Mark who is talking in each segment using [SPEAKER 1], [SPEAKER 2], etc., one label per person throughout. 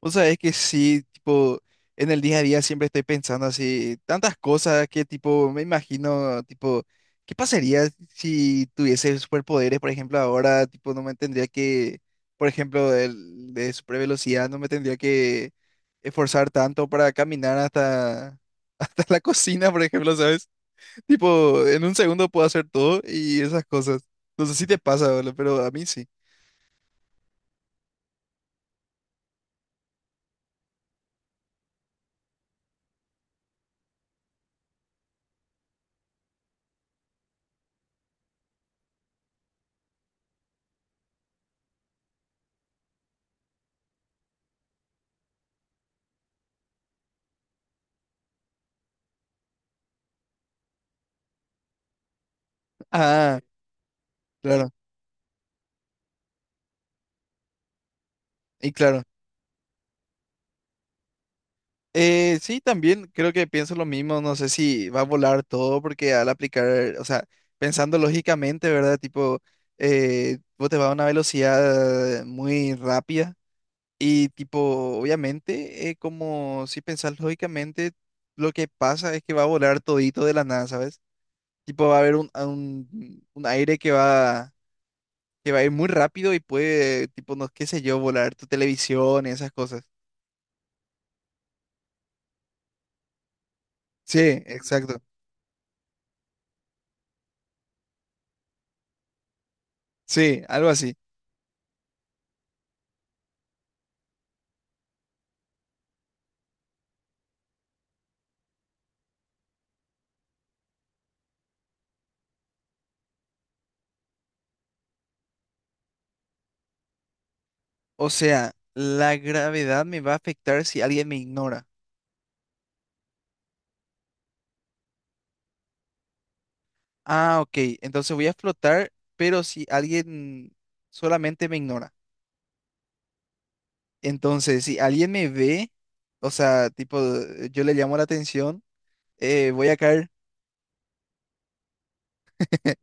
[SPEAKER 1] O sea, es que sí, tipo, en el día a día siempre estoy pensando así, tantas cosas que tipo, me imagino, tipo, ¿qué pasaría si tuviese superpoderes? Por ejemplo, ahora, tipo, no me tendría que, por ejemplo, el de super velocidad, no me tendría que esforzar tanto para caminar hasta, hasta la cocina, por ejemplo, ¿sabes? Tipo, en un segundo puedo hacer todo y esas cosas. No sé si te pasa, boludo, pero a mí sí. Ah, claro, y claro. Sí, también creo que pienso lo mismo, no sé si va a volar todo porque al aplicar, o sea, pensando lógicamente, ¿verdad? Tipo, vos te vas a una velocidad muy rápida y tipo, obviamente, como si pensás lógicamente, lo que pasa es que va a volar todito de la nada, ¿sabes? Tipo, va a haber un aire que va a ir muy rápido y puede, tipo, no, qué sé yo, volar tu televisión y esas cosas. Sí, exacto. Sí, algo así. O sea, la gravedad me va a afectar si alguien me ignora. Ah, ok. Entonces voy a flotar, pero si alguien solamente me ignora. Entonces, si alguien me ve, o sea, tipo, yo le llamo la atención, voy a caer.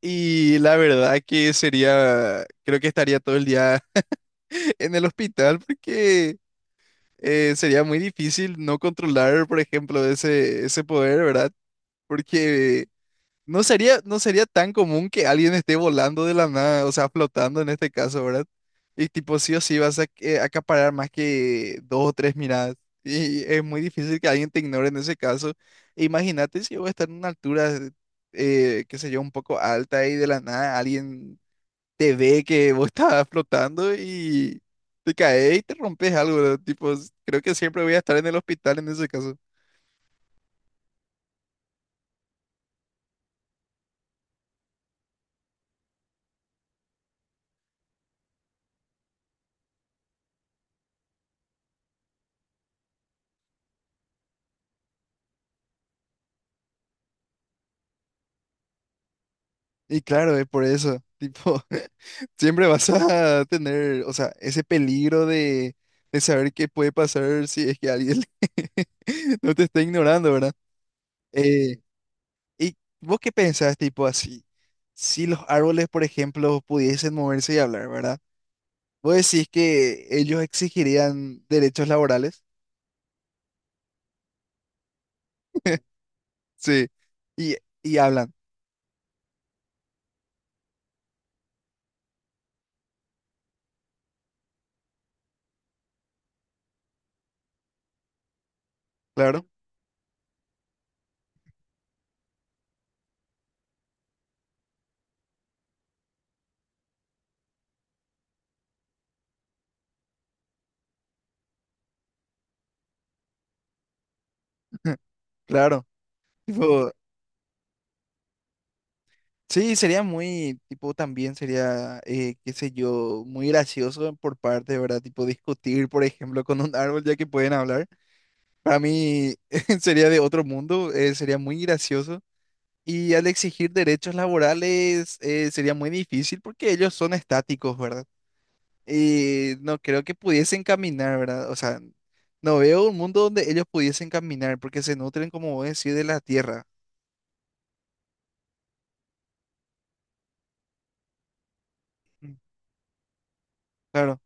[SPEAKER 1] Y la verdad que sería, creo que estaría todo el día en el hospital porque sería muy difícil no controlar, por ejemplo, ese poder, ¿verdad? Porque no sería, no sería tan común que alguien esté volando de la nada, o sea, flotando en este caso, ¿verdad? Y tipo, sí o sí vas a acaparar más que dos o tres miradas. Y es muy difícil que alguien te ignore en ese caso. Imagínate si yo voy a estar en una altura, qué sé yo, un poco alta y de la nada alguien te ve que vos estás flotando y te caes y te rompes algo, ¿verdad? Tipo, creo que siempre voy a estar en el hospital en ese caso. Y claro, es por eso, tipo, siempre vas a tener, o sea, ese peligro de saber qué puede pasar si es que alguien no te está ignorando, ¿verdad? Eh, ¿Y vos qué pensás, tipo, así? Si los árboles, por ejemplo, pudiesen moverse y hablar, ¿verdad? ¿Vos decís que ellos exigirían derechos laborales? Sí. Y, y hablan, claro, claro. Tipo, sí, sería muy, tipo, también sería, qué sé yo, muy gracioso por parte, ¿verdad? Tipo, discutir, por ejemplo, con un árbol ya que pueden hablar. Para mí sería de otro mundo, sería muy gracioso. Y al exigir derechos laborales, sería muy difícil porque ellos son estáticos, ¿verdad? Y no creo que pudiesen caminar, ¿verdad? O sea, no veo un mundo donde ellos pudiesen caminar porque se nutren, como vos decís, de la tierra. Mm. Claro.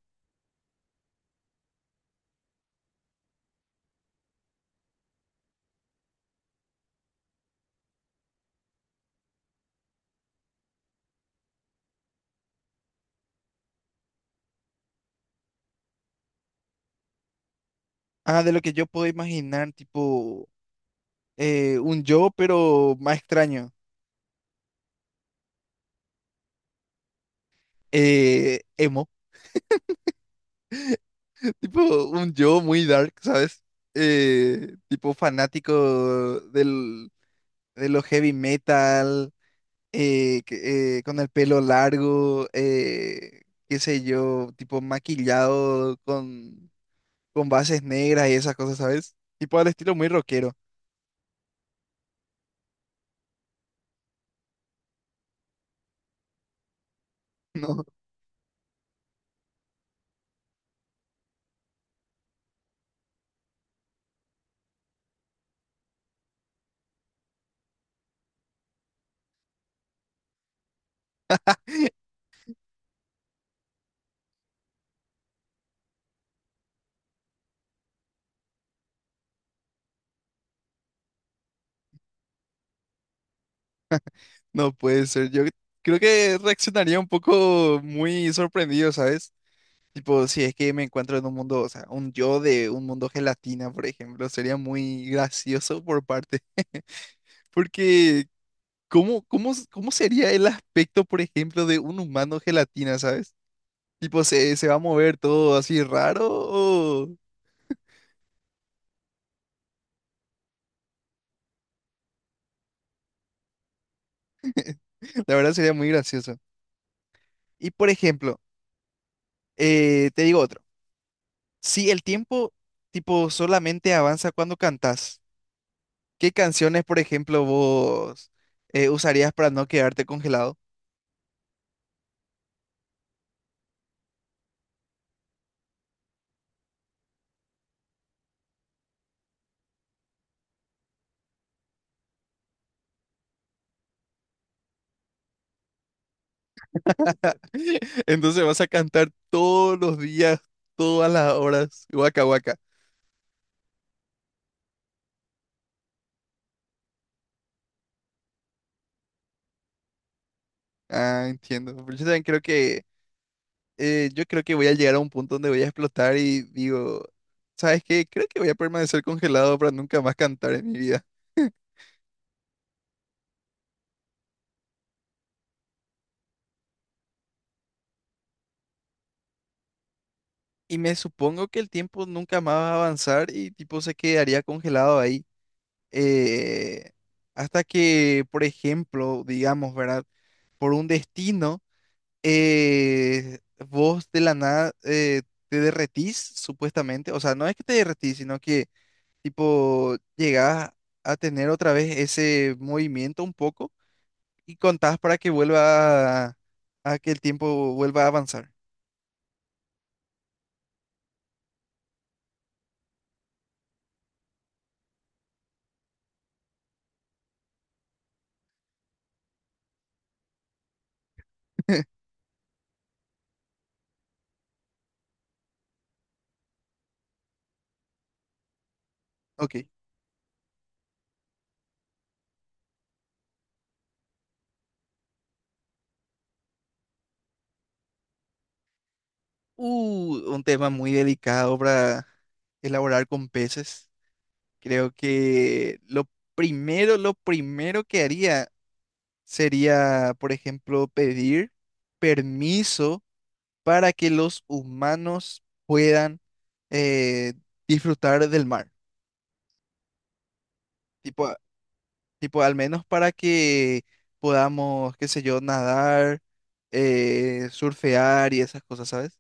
[SPEAKER 1] Ah, de lo que yo puedo imaginar, tipo. Un yo, pero más extraño. Emo, tipo un yo muy dark, ¿sabes? Tipo fanático del, de lo heavy metal, con el pelo largo, qué sé yo, tipo maquillado con bases negras y esas cosas, ¿sabes? Tipo al estilo muy rockero. No, no puede ser. Yo creo que reaccionaría un poco muy sorprendido, ¿sabes? Tipo, si es que me encuentro en un mundo, o sea, un yo de un mundo gelatina, por ejemplo, sería muy gracioso por parte, porque ¿cómo, cómo, cómo sería el aspecto, por ejemplo, de un humano gelatina, ¿sabes? Tipo, ¿se, se va a mover todo así raro? O… La verdad sería muy gracioso. Y, por ejemplo, te digo otro. Si el tiempo, tipo, solamente avanza cuando cantas, ¿qué canciones, por ejemplo, vos usarías para no quedarte congelado? Entonces vas a cantar todos los días, todas las horas, guaca guaca. Ah, entiendo. Pero yo también creo que, yo creo que voy a llegar a un punto donde voy a explotar y digo, ¿sabes qué? Creo que voy a permanecer congelado para nunca más cantar en mi vida. Y me supongo que el tiempo nunca más va a avanzar y tipo se quedaría congelado ahí. eh, hasta que, por ejemplo, digamos, ¿verdad? Por un destino. eh, vos de la nada te derretís, supuestamente. O sea, no es que te derretís, sino que tipo llegás a tener otra vez ese movimiento un poco y contás para que vuelva a que el tiempo vuelva a avanzar. Ok. Un tema muy delicado para elaborar con peces. Creo que lo primero que haría sería, por ejemplo, pedir permiso para que los humanos puedan eh, disfrutar del mar. Tipo, tipo, al menos para que podamos, qué sé yo, nadar, surfear y esas cosas, ¿sabes?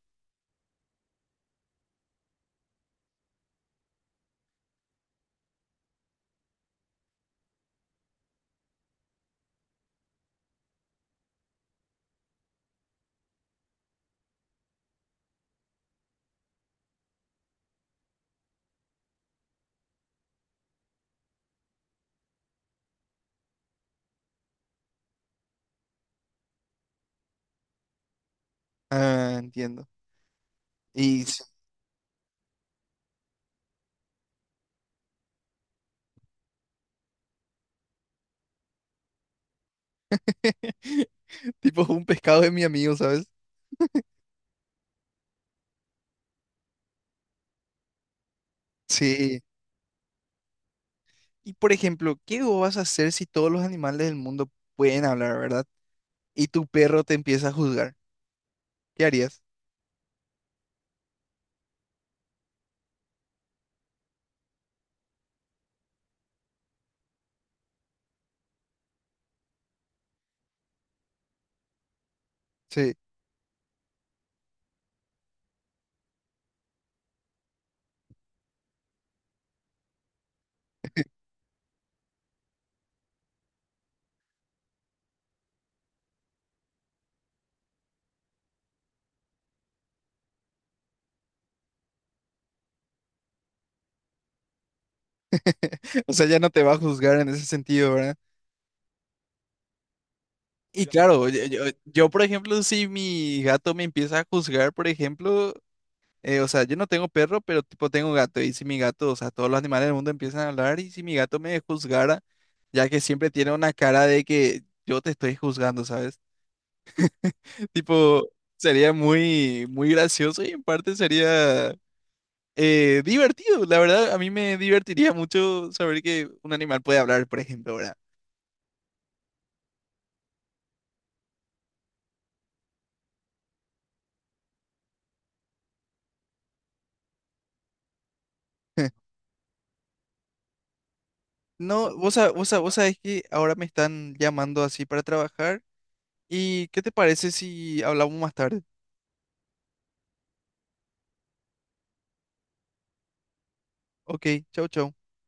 [SPEAKER 1] Ah, entiendo. Y s- tipo un pescado de mi amigo, ¿sabes? Sí. Y por ejemplo, ¿qué vos vas a hacer si todos los animales del mundo pueden hablar, ¿verdad? Y tu perro te empieza a juzgar. ¿Qué harías? Sí. O sea, ya no te va a juzgar en ese sentido, ¿verdad? Y claro, yo, por ejemplo, si mi gato me empieza a juzgar, por ejemplo, o sea, yo no tengo perro, pero tipo tengo gato, y si mi gato, o sea, todos los animales del mundo empiezan a hablar, y si mi gato me juzgara, ya que siempre tiene una cara de que yo te estoy juzgando, ¿sabes? Tipo, sería muy, muy gracioso y en parte sería divertido, la verdad, a mí me divertiría mucho saber que un animal puede hablar, por ejemplo, ¿verdad? No, vos sabés que ahora me están llamando así para trabajar. ¿Y qué te parece si hablamos más tarde? Ok, chau, chau.